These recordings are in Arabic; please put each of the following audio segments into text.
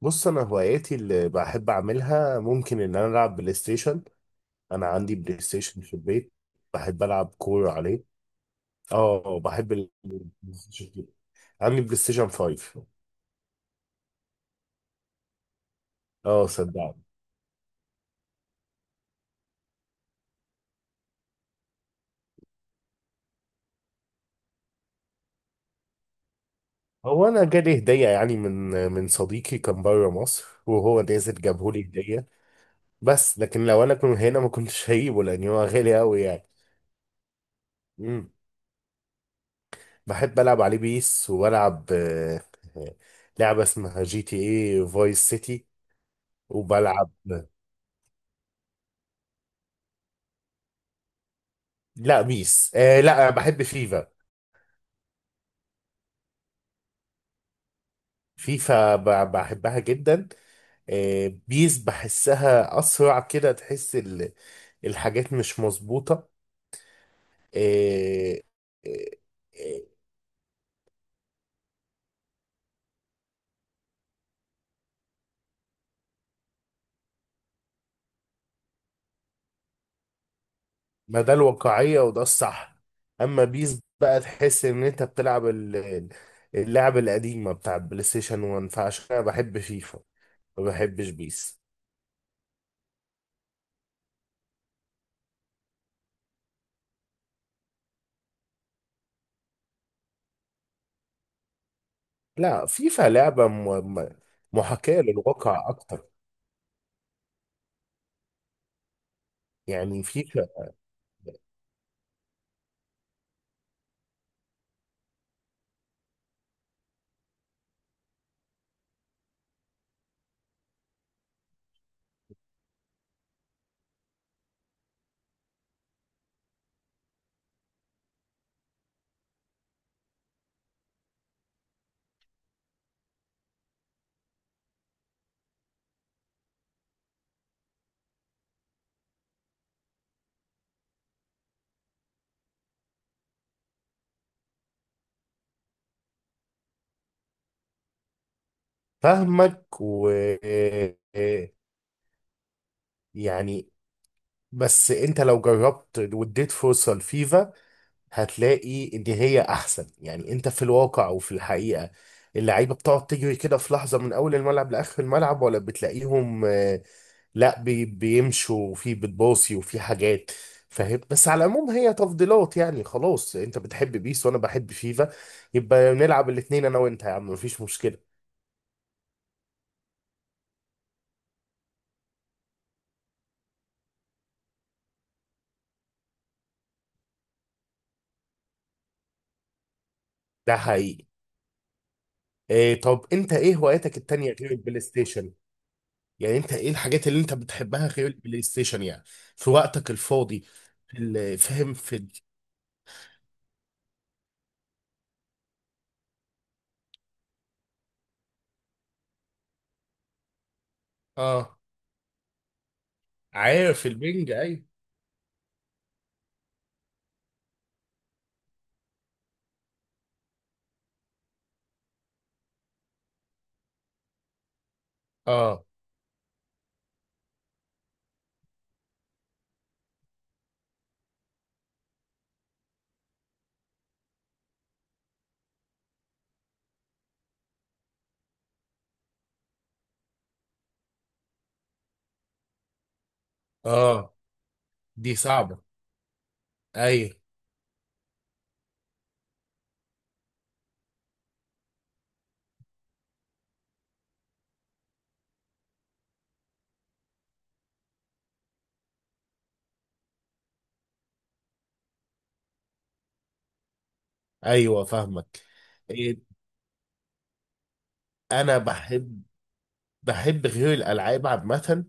بص، انا هواياتي اللي بحب اعملها ممكن ان انا العب بلاي ستيشن. انا عندي بلاي ستيشن في البيت. بحب العب كورة عليه. اه، بحب البلاي ستيشن جدا. عندي بلاي ستيشن 5. اه صدقني. هو انا جالي هدية يعني من صديقي كان بره مصر وهو نازل جابهولي هدية. بس لكن لو انا كنت هنا ما كنتش هجيبه لان هو غالي قوي يعني. مم. بحب العب عليه بيس وبلعب آه، لعبة اسمها جي تي اي فايس سيتي وبلعب. لا بيس. لا بحب فيفا. فيفا بحبها جدا. بيس بحسها أسرع كده تحس الحاجات مش مظبوطة. آه آه، آه، ما ده الواقعية وده الصح. أما بيس بقى تحس إن أنت بتلعب اللعب القديمة بتاع بلاي ستيشن 1. فعشان كده بحب فيفا. ما بحبش بيس. لا، فيفا لعبة محاكاة للواقع أكتر. يعني فيفا فاهمك. و آه، يعني بس انت لو جربت واديت فرصة لفيفا هتلاقي ان هي احسن. يعني انت في الواقع وفي الحقيقة، اللعيبة بتقعد تجري كده في لحظة من اول الملعب لاخر الملعب، ولا بتلاقيهم. لا، بيمشوا وفي بتباصي وفي حاجات، فاهم. بس على العموم هي تفضيلات، يعني خلاص انت بتحب بيس وانا بحب فيفا. يبقى نلعب الاتنين انا وانت يا عم، مفيش مشكلة. ده حقيقي. إيه، طب انت ايه هواياتك التانية غير البلاي ستيشن؟ يعني انت ايه الحاجات اللي انت بتحبها غير البلاي ستيشن يعني؟ في وقتك الفاضي، في فاهم، في اه، عارف البنج اي. اه. اه. دي صعبة. اي. ايوه فاهمك. إيه، انا بحب. غير الالعاب عامة.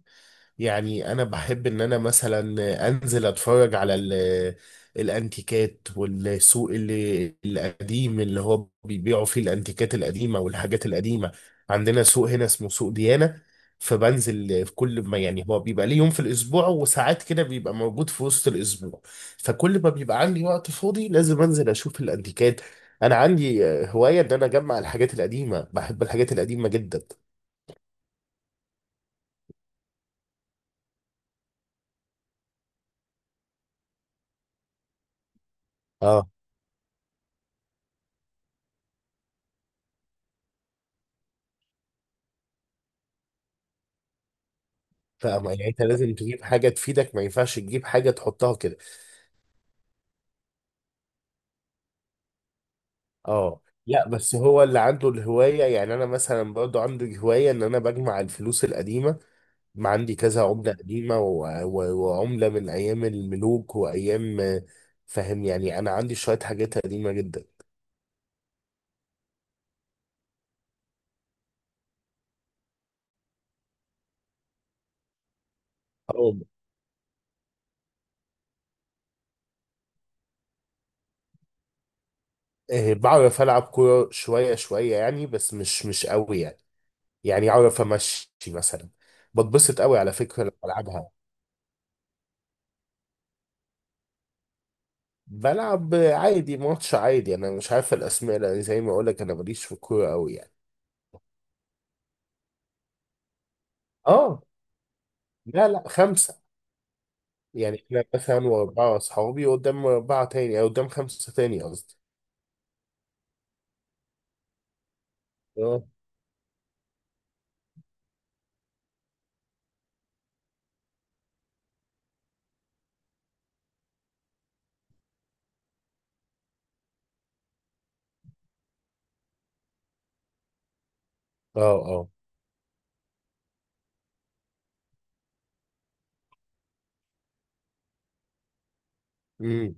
يعني انا بحب ان انا مثلا انزل اتفرج على الانتيكات والسوق اللي القديم اللي هو بيبيعوا فيه الانتيكات القديمه والحاجات القديمه. عندنا سوق هنا اسمه سوق ديانه. فبنزل في كل ما، يعني هو بيبقى ليه يوم في الاسبوع، وساعات كده بيبقى موجود في وسط الاسبوع. فكل ما بيبقى عندي وقت فاضي لازم انزل اشوف الانتيكات. انا عندي هوايه ان انا اجمع الحاجات القديمه، بحب الحاجات القديمه جدا. آه. فاهمة، يعني انت لازم تجيب حاجة تفيدك، ما ينفعش تجيب حاجة تحطها كده. اه لا، بس هو اللي عنده الهواية. يعني انا مثلا برضو عندي هواية ان انا بجمع الفلوس القديمة. ما عندي كذا عملة قديمة وعملة من ايام الملوك وايام. فاهم، يعني انا عندي شوية حاجات قديمة جدا. اه. بعرف العب كورة شوية شوية يعني، بس مش قوي يعني. يعني اعرف امشي مثلا. بتبسط قوي على فكرة لما العبها. بلعب عادي، ماتش عادي، انا مش عارف الاسماء لان زي ما اقول لك انا ماليش في الكوره قوي يعني. اه. لا، لا، خمسه. يعني احنا مثلا واربعه اصحابي قدام اربعه تاني، او قدام خمسه تاني قصدي. اه. اه. اه. امم.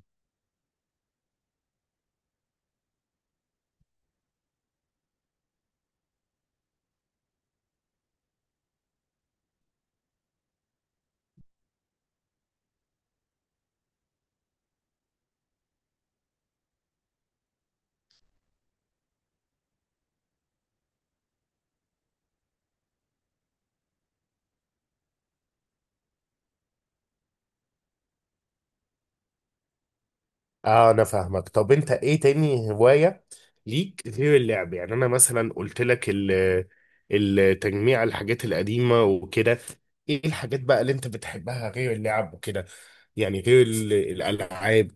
اه. انا فاهمك. طب انت ايه تاني هوايه ليك غير اللعب؟ يعني انا مثلا قلت لك التجميع، الحاجات القديمه وكده. ايه الحاجات بقى اللي انت بتحبها غير اللعب وكده؟ يعني غير الالعاب.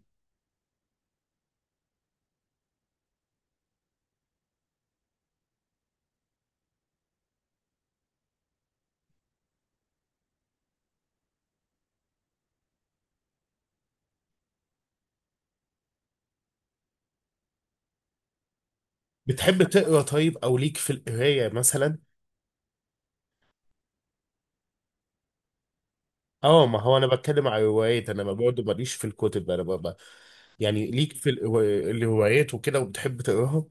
بتحب تقرا طيب؟ او ليك في القرايه مثلا؟ اه، ما هو انا بتكلم على الروايات. انا ما برضه ماليش في الكتب، انا ببقى. يعني ليك في الروايات وكده، وبتحب تقراها؟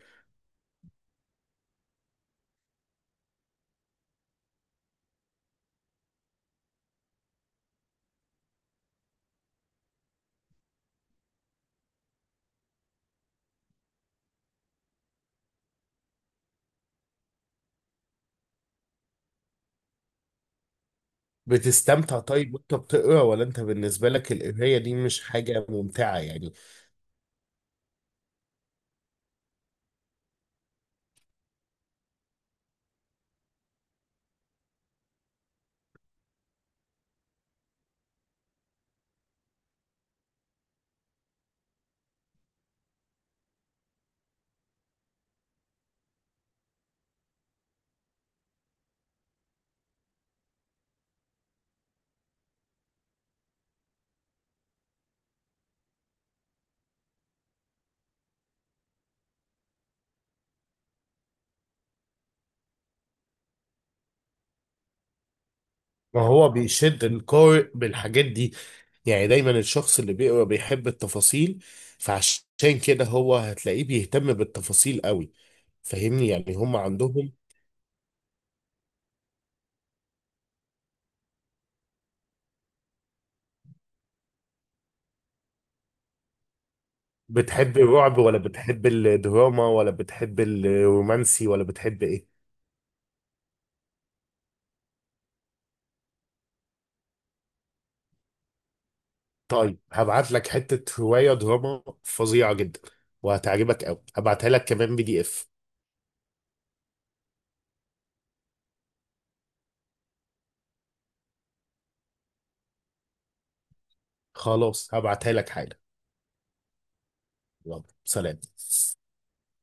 بتستمتع طيب وانت بتقرا، ولا انت بالنسبه لك القرايه دي مش حاجه ممتعه يعني؟ ما هو بيشد القارئ بالحاجات دي. يعني دايما الشخص اللي بيقرا بيحب التفاصيل، فعشان كده هو هتلاقيه بيهتم بالتفاصيل قوي، فاهمني، يعني هم عندهم. بتحب الرعب ولا بتحب الدراما ولا بتحب الرومانسي ولا بتحب ايه؟ طيب، هبعت لك حتة رواية دراما فظيعة جدا وهتعجبك قوي. هبعتها لك كمان بي دي اف. خلاص، هبعتها لك حالا. يلا سلام.